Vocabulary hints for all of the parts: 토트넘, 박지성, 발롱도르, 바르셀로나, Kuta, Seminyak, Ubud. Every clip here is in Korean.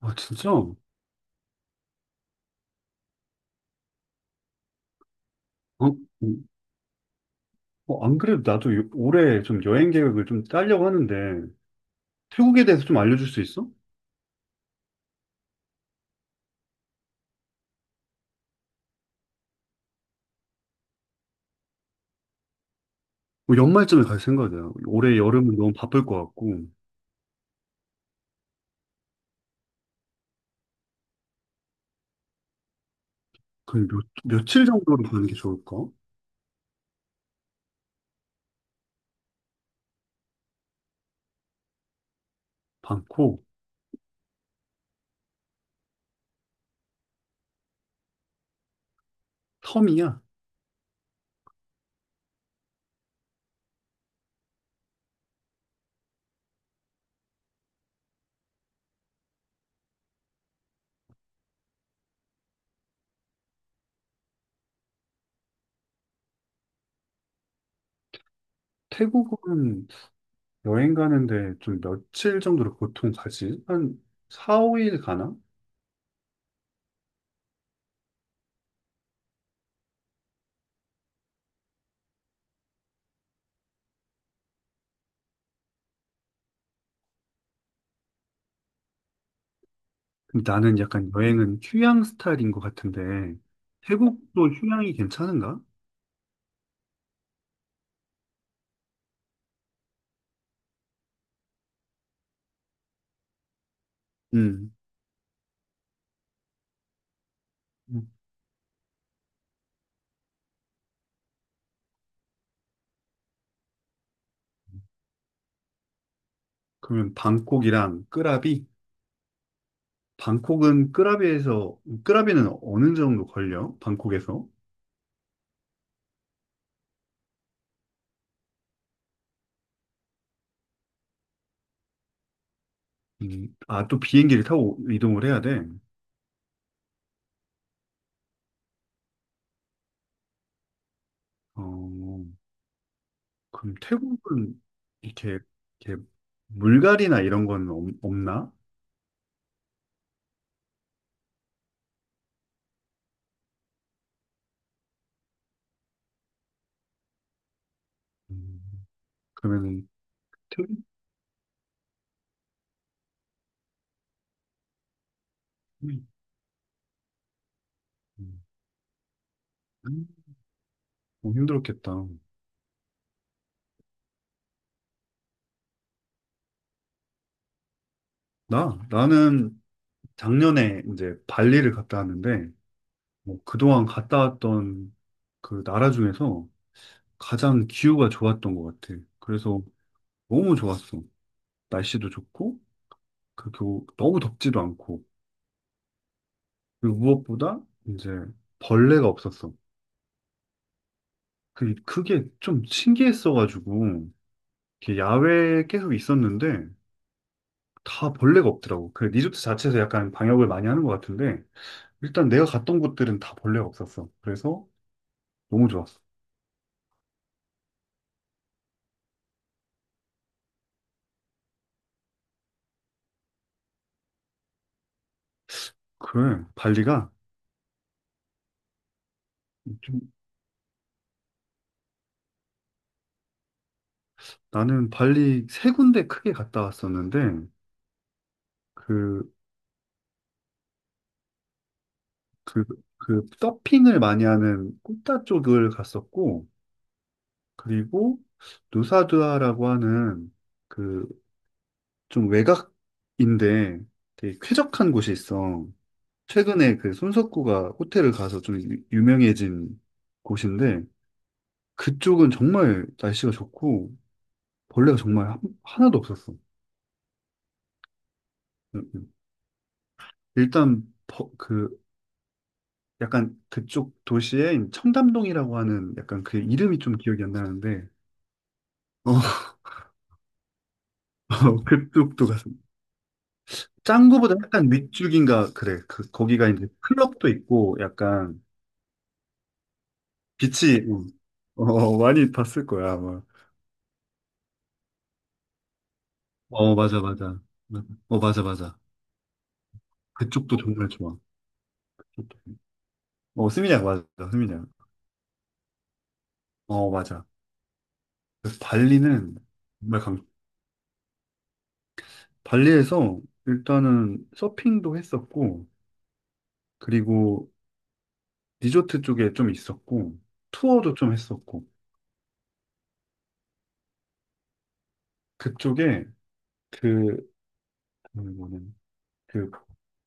아, 진짜? 어, 음, 안 그래도 나도 올해 좀 여행 계획을 좀 짜려고 하는데, 태국에 대해서 좀 알려줄 수 있어? 뭐 연말쯤에 갈 생각이야. 올해 여름은 너무 바쁠 것 같고, 그 몇, 며칠 정도로 가는 게 좋을까? 방콕. 섬이야. 태국은 여행 가는데 좀 며칠 정도로 보통 가지? 한 4, 5일 가나? 근데 나는 약간 여행은 휴양 스타일인 것 같은데, 태국도 휴양이 괜찮은가? 음. 음. 그러면 방콕이랑 끄라비. 방콕은 끄라비에서, 끄라비는 어느 정도 걸려? 방콕에서? 또 비행기를 타고 이동을 해야 돼. 어, 그럼 태국은 이렇게, 이렇게 물갈이나 이런 건 없나? 음, 그러면 태국? 음, 음, 어, 힘들었겠다. 나? 나는 작년에 이제 발리를 갔다 왔는데, 뭐 그동안 갔다 왔던 그 나라 중에서 가장 기후가 좋았던 것 같아. 그래서 너무 좋았어. 날씨도 좋고, 너무 덥지도 않고, 그리고 무엇보다 이제 벌레가 없었어. 그게 좀 신기했어가지고, 이렇게 야외에 계속 있었는데, 다 벌레가 없더라고. 그 리조트 자체에서 약간 방역을 많이 하는 것 같은데, 일단 내가 갔던 곳들은 다 벌레가 없었어. 그래서 너무 좋았어. 그래, 발리가 좀, 나는 발리 세 군데 크게 갔다 왔었는데, 그, 그, 그 서핑을 많이 하는 꾸따 쪽을 갔었고, 그리고 누사두아라고 하는 그 좀 외곽인데 되게 쾌적한 곳이 있어. 최근에 그 손석구가 호텔을 가서 좀 유명해진 곳인데 그쪽은 정말 날씨가 좋고 벌레가 정말 하나도 없었어. 음, 음. 일단 그 약간 그쪽 도시에 청담동이라고 하는 약간 그 이름이 좀 기억이 안 나는데 어, 그쪽도 갔어. 짱구보다 약간 윗줄기인가 그래. 그 거기가 이제 클럽도 있고 약간 빛이. 어, 어, 많이 봤을 거야 아마. 어, 맞아, 맞아. 맞아. 어, 맞아, 맞아. 그쪽도 정말 좋아. 그쪽도. 어, 스미냑 맞아. 스미냑. 어, 맞아. 그래서 발리는 정말 강. 발리에서 일단은 서핑도 했었고 그리고 리조트 쪽에 좀 있었고 투어도 좀 했었고 그쪽에 그 뭐냐면 그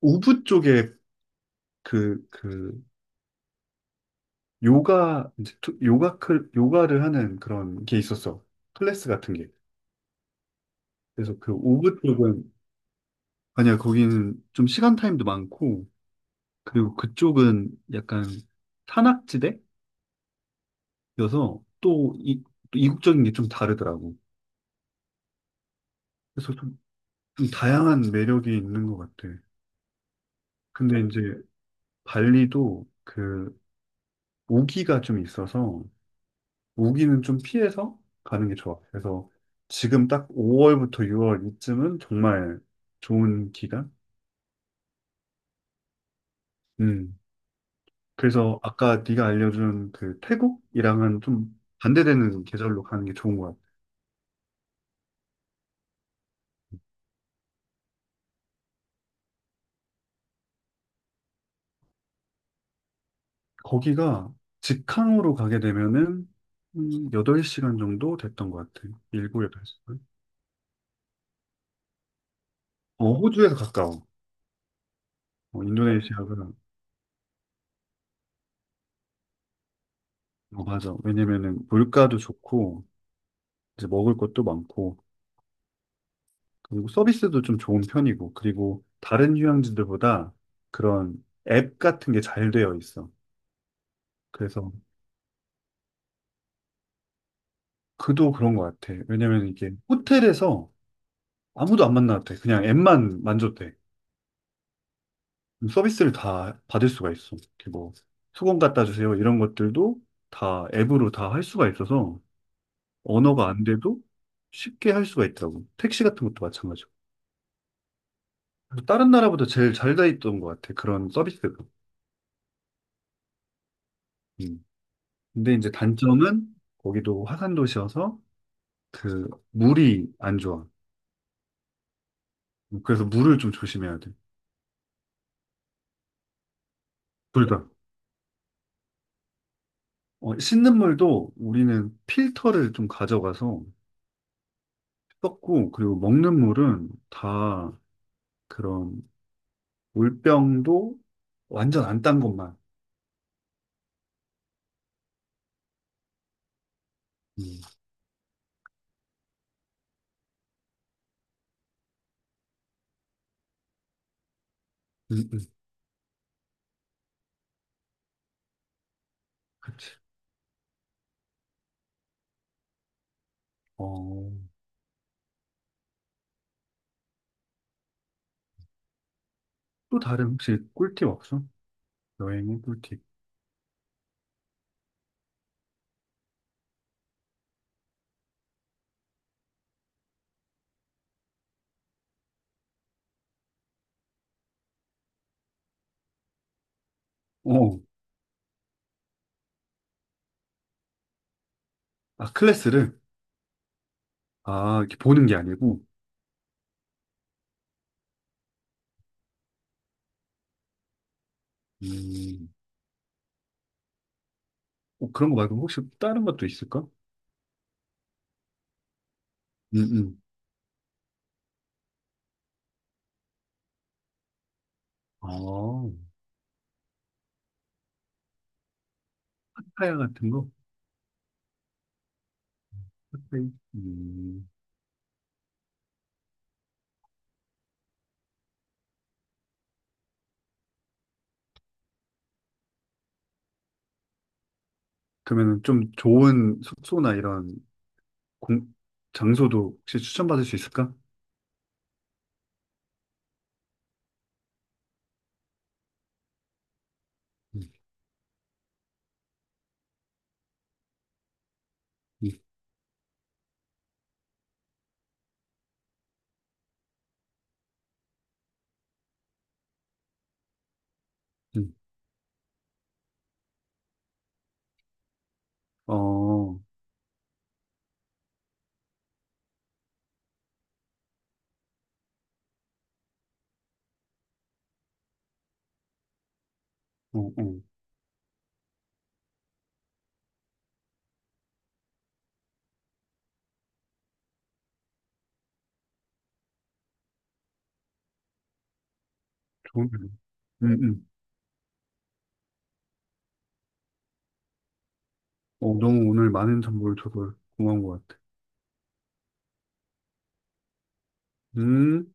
우붓 쪽에 그그 요가, 이제 요가, 요가를 하는 그런 게 있었어. 클래스 같은 게. 그래서 그 오브 쪽은. 아니야, 거기는 좀 시간 타임도 많고, 그리고 그쪽은 약간 산악지대여서 또 이, 또 이국적인 게 좀 다르더라고. 그래서 좀 다양한 매력이 있는 것 같아. 근데 이제 발리도 그 모기가 좀 있어서 우기는 좀 피해서 가는 게 좋아. 그래서 지금 딱 5월부터 6월 이쯤은 정말 좋은 기간. 음. 그래서 아까 네가 알려준 그 태국이랑은 좀 반대되는 계절로 가는 게 좋은 것 같아. 거기가 직항으로 가게 되면은 8시간 정도 됐던 것 같아. 7, 8시간. 어, 호주에서 가까워. 어, 인도네시아가. 어, 맞아. 왜냐면은 물가도 좋고 이제 먹을 것도 많고 그리고 서비스도 좀 좋은 편이고, 그리고 다른 휴양지들보다 그런 앱 같은 게 잘 되어 있어. 그래서 그도 그런 것 같아. 왜냐면 이게 호텔에서 아무도 안 만나도 돼. 그냥 앱만 만져도 돼. 그럼 서비스를 다 받을 수가 있어. 이렇게 뭐 수건 갖다 주세요. 이런 것들도 다 앱으로 다 할 수가 있어서 언어가 안 돼도 쉽게 할 수가 있더라고. 택시 같은 것도 마찬가지고. 그래서 다른 나라보다 제일 잘 돼 있던 것 같아. 그런 서비스가. 음. 근데 이제 단점은 거기도 화산 도시여서 그 물이 안 좋아. 그래서 물을 좀 조심해야 돼. 둘 다. 어, 씻는 물도 우리는 필터를 좀 가져가서 썼고, 그리고 먹는 물은 다 그런 물병도 완전 안 딴 것만. 음, 음, 음, 그치. 어, 또 다른 혹시 꿀팁 없어? 여행의 꿀팁. 어, 아, 클래스를? 아, 이렇게 보는 게 아니고, 음, 그런 거 말고 혹시 다른 것도 있을까? 음, 음. 어, 파타야 같은 거? 팟타이? 음. 그러면 좀 좋은 숙소나 이런 공, 장소도 혹시 추천받을 수 있을까? 음, 음, 음. 어, 어, 어, 좋은, 음, 음. 어, 너무 오늘 많은 정보를 줘서 고마운 것 같아. 음.